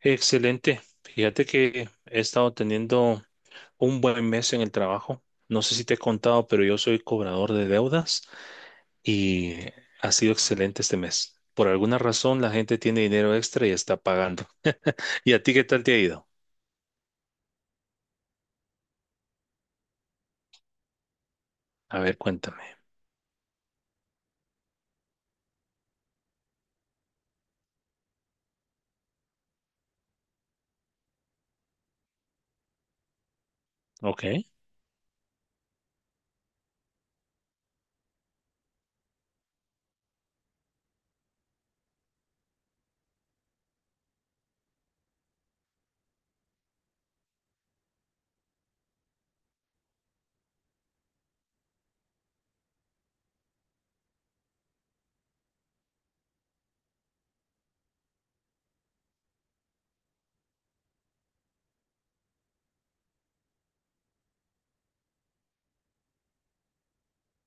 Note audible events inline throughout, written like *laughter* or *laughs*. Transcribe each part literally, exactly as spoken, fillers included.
Excelente. Fíjate que he estado teniendo un buen mes en el trabajo. No sé si te he contado, pero yo soy cobrador de deudas y ha sido excelente este mes. Por alguna razón la gente tiene dinero extra y está pagando. ¿Y a ti qué tal te ha ido? A ver, cuéntame. Ok.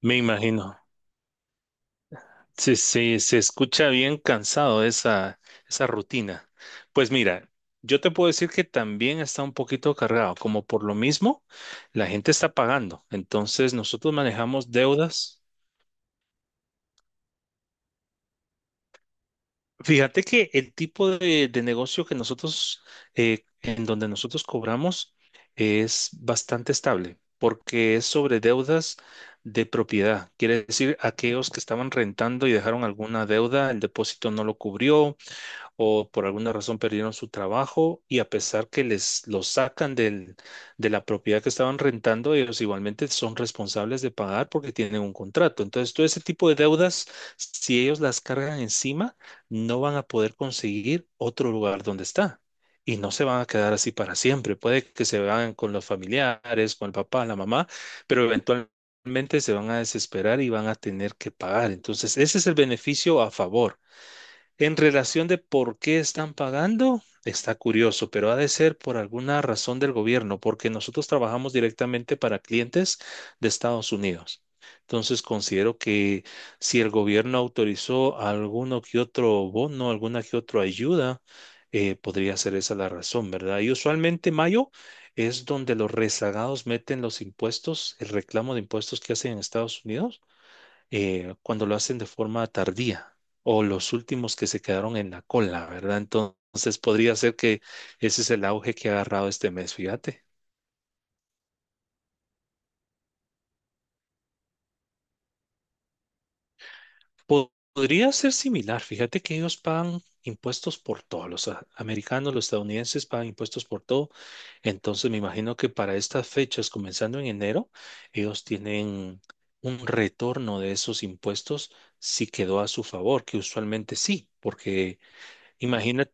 Me imagino. Sí, sí, se escucha bien cansado esa, esa rutina. Pues mira, yo te puedo decir que también está un poquito cargado, como por lo mismo, la gente está pagando. Entonces nosotros manejamos deudas. Fíjate que el tipo de, de negocio que nosotros, eh, en donde nosotros cobramos, es bastante estable, porque es sobre deudas de propiedad. Quiere decir, aquellos que estaban rentando y dejaron alguna deuda, el depósito no lo cubrió o por alguna razón perdieron su trabajo y a pesar que les lo sacan del, de la propiedad que estaban rentando, ellos igualmente son responsables de pagar porque tienen un contrato. Entonces, todo ese tipo de deudas, si ellos las cargan encima, no van a poder conseguir otro lugar donde está. Y no se van a quedar así para siempre. Puede que se vayan con los familiares, con el papá, la mamá, pero eventualmente se van a desesperar y van a tener que pagar. Entonces, ese es el beneficio a favor. En relación de por qué están pagando, está curioso, pero ha de ser por alguna razón del gobierno, porque nosotros trabajamos directamente para clientes de Estados Unidos. Entonces considero que si el gobierno autorizó alguno que otro bono, alguna que otra ayuda, eh, podría ser esa la razón, ¿verdad? Y usualmente mayo es donde los rezagados meten los impuestos, el reclamo de impuestos que hacen en Estados Unidos eh, cuando lo hacen de forma tardía o los últimos que se quedaron en la cola, ¿verdad? Entonces podría ser que ese es el auge que ha agarrado este mes, fíjate. Po- Podría ser similar, fíjate que ellos pagan impuestos por todo, los a- americanos, los estadounidenses pagan impuestos por todo, entonces me imagino que para estas fechas, comenzando en enero, ellos tienen un retorno de esos impuestos si quedó a su favor, que usualmente sí, porque... imagínate.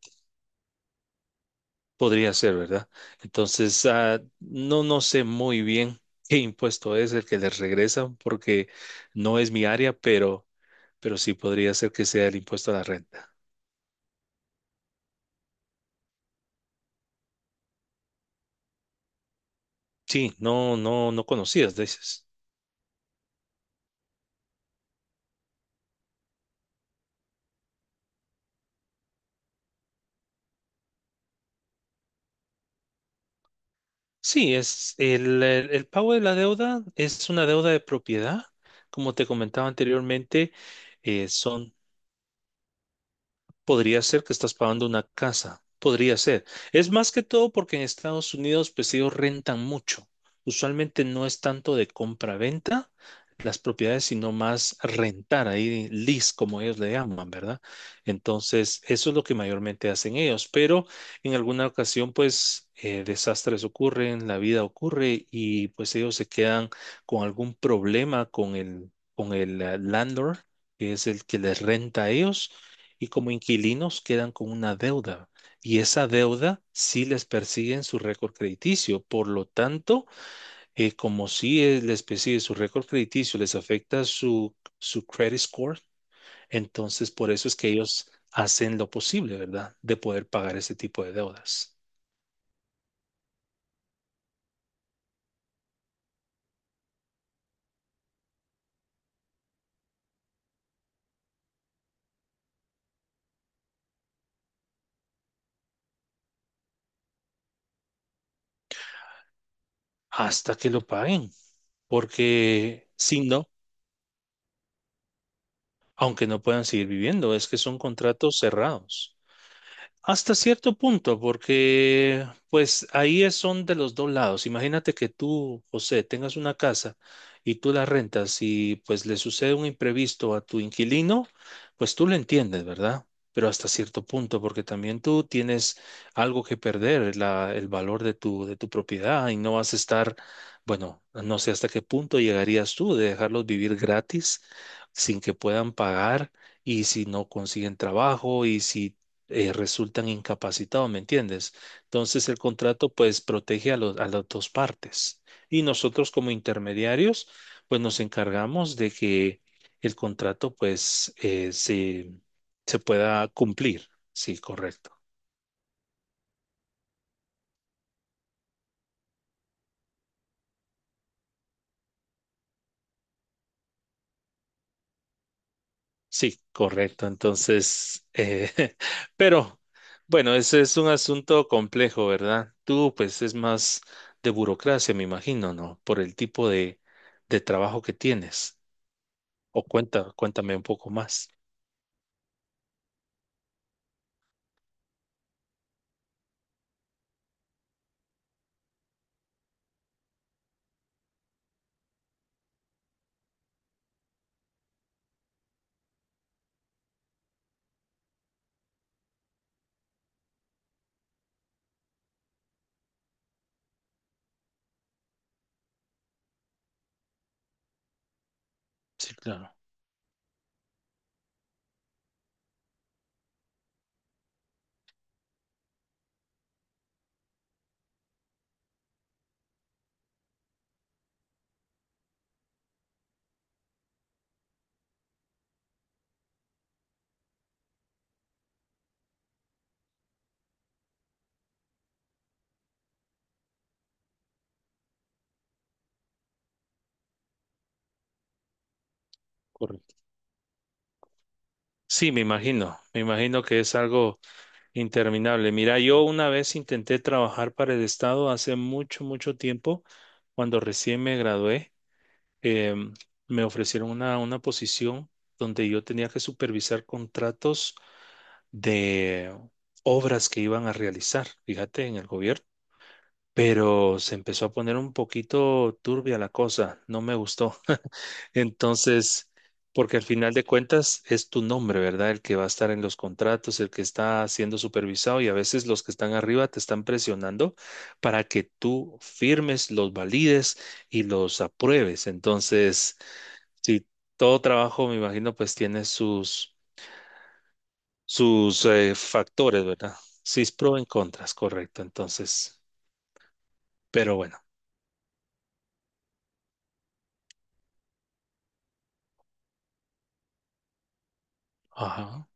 Podría ser, ¿verdad? Entonces, ah, no, no sé muy bien *laughs* qué impuesto es el que les regresan porque no es mi área, pero, pero sí podría ser que sea el impuesto a la renta. Sí, no, no, no conocías, dices. Sí, es el, el, el pago de la deuda es una deuda de propiedad. Como te comentaba anteriormente, eh, son Podría ser que estás pagando una casa, podría ser. Es más que todo porque en Estados Unidos, pues ellos rentan mucho. Usualmente no es tanto de compra-venta las propiedades, sino más rentar, ahí lease, como ellos le llaman, ¿verdad? Entonces, eso es lo que mayormente hacen ellos, pero en alguna ocasión, pues, eh, desastres ocurren, la vida ocurre y pues ellos se quedan con algún problema con el, con el eh, landlord, que es el que les renta a ellos y como inquilinos quedan con una deuda y esa deuda sí les persigue en su récord crediticio. Por lo tanto, eh, como sí eh, les persigue su récord crediticio, les afecta su, su credit score, entonces por eso es que ellos hacen lo posible, ¿verdad? De poder pagar ese tipo de deudas hasta que lo paguen, porque si no, aunque no puedan seguir viviendo, es que son contratos cerrados. Hasta cierto punto, porque pues ahí es- son de los dos lados. Imagínate que tú, José, tengas una casa y tú la rentas y pues le sucede un imprevisto a tu inquilino, pues tú lo entiendes, ¿verdad? Pero hasta cierto punto, porque también tú tienes algo que perder, la- el valor de tu, de tu propiedad y no vas a estar, bueno, no sé hasta qué punto llegarías tú de dejarlos vivir gratis sin que puedan pagar y si no consiguen trabajo y si eh, resultan incapacitados, ¿me entiendes? Entonces el contrato pues protege a, los- a las dos partes y nosotros como intermediarios pues nos encargamos de que el contrato pues eh, se, se pueda cumplir. Sí, correcto. Sí, correcto. Entonces, eh, *laughs* pero bueno, ese es un asunto complejo, ¿verdad? Tú pues es más de burocracia, me imagino, ¿no? Por el tipo de, de trabajo que tienes. O cuenta, cuéntame un poco más. Sí, claro, correcto. Sí, me imagino, me imagino que es algo interminable. Mira, yo una vez intenté trabajar para el Estado hace mucho, mucho tiempo, cuando recién me gradué, em, me ofrecieron una, una posición donde yo tenía que supervisar contratos de obras que iban a realizar, fíjate, en el gobierno. Pero se empezó a poner un poquito turbia la cosa, no me gustó. *laughs* Entonces, porque al final de cuentas es tu nombre, ¿verdad? El que va a estar en los contratos, el que está siendo supervisado y a veces los que están arriba te están presionando para que tú firmes, los valides y los apruebes. Entonces, si todo trabajo, me imagino, pues tiene sus, sus eh, factores, ¿verdad? Sí, es pro en contras, correcto. Entonces, pero bueno. Ajá.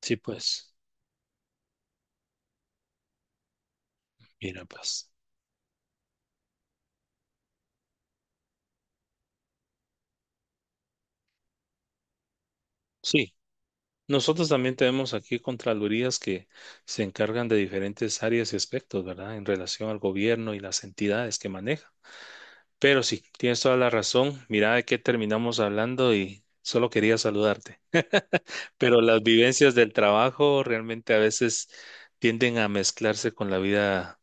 Sí, pues, mira, pues, sí, nosotros también tenemos aquí contralorías que se encargan de diferentes áreas y aspectos, ¿verdad? En relación al gobierno y las entidades que maneja. Pero sí, tienes toda la razón. Mira de qué terminamos hablando y solo quería saludarte. Pero las vivencias del trabajo realmente a veces tienden a mezclarse con la vida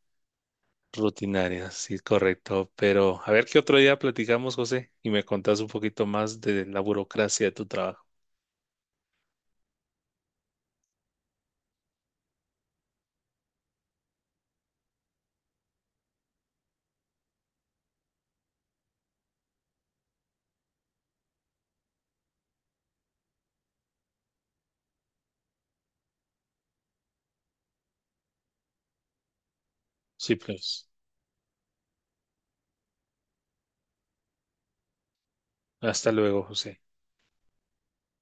rutinaria, sí, correcto. Pero a ver qué otro día platicamos, José, y me contás un poquito más de la burocracia de tu trabajo. Sí, pues. Hasta luego, José.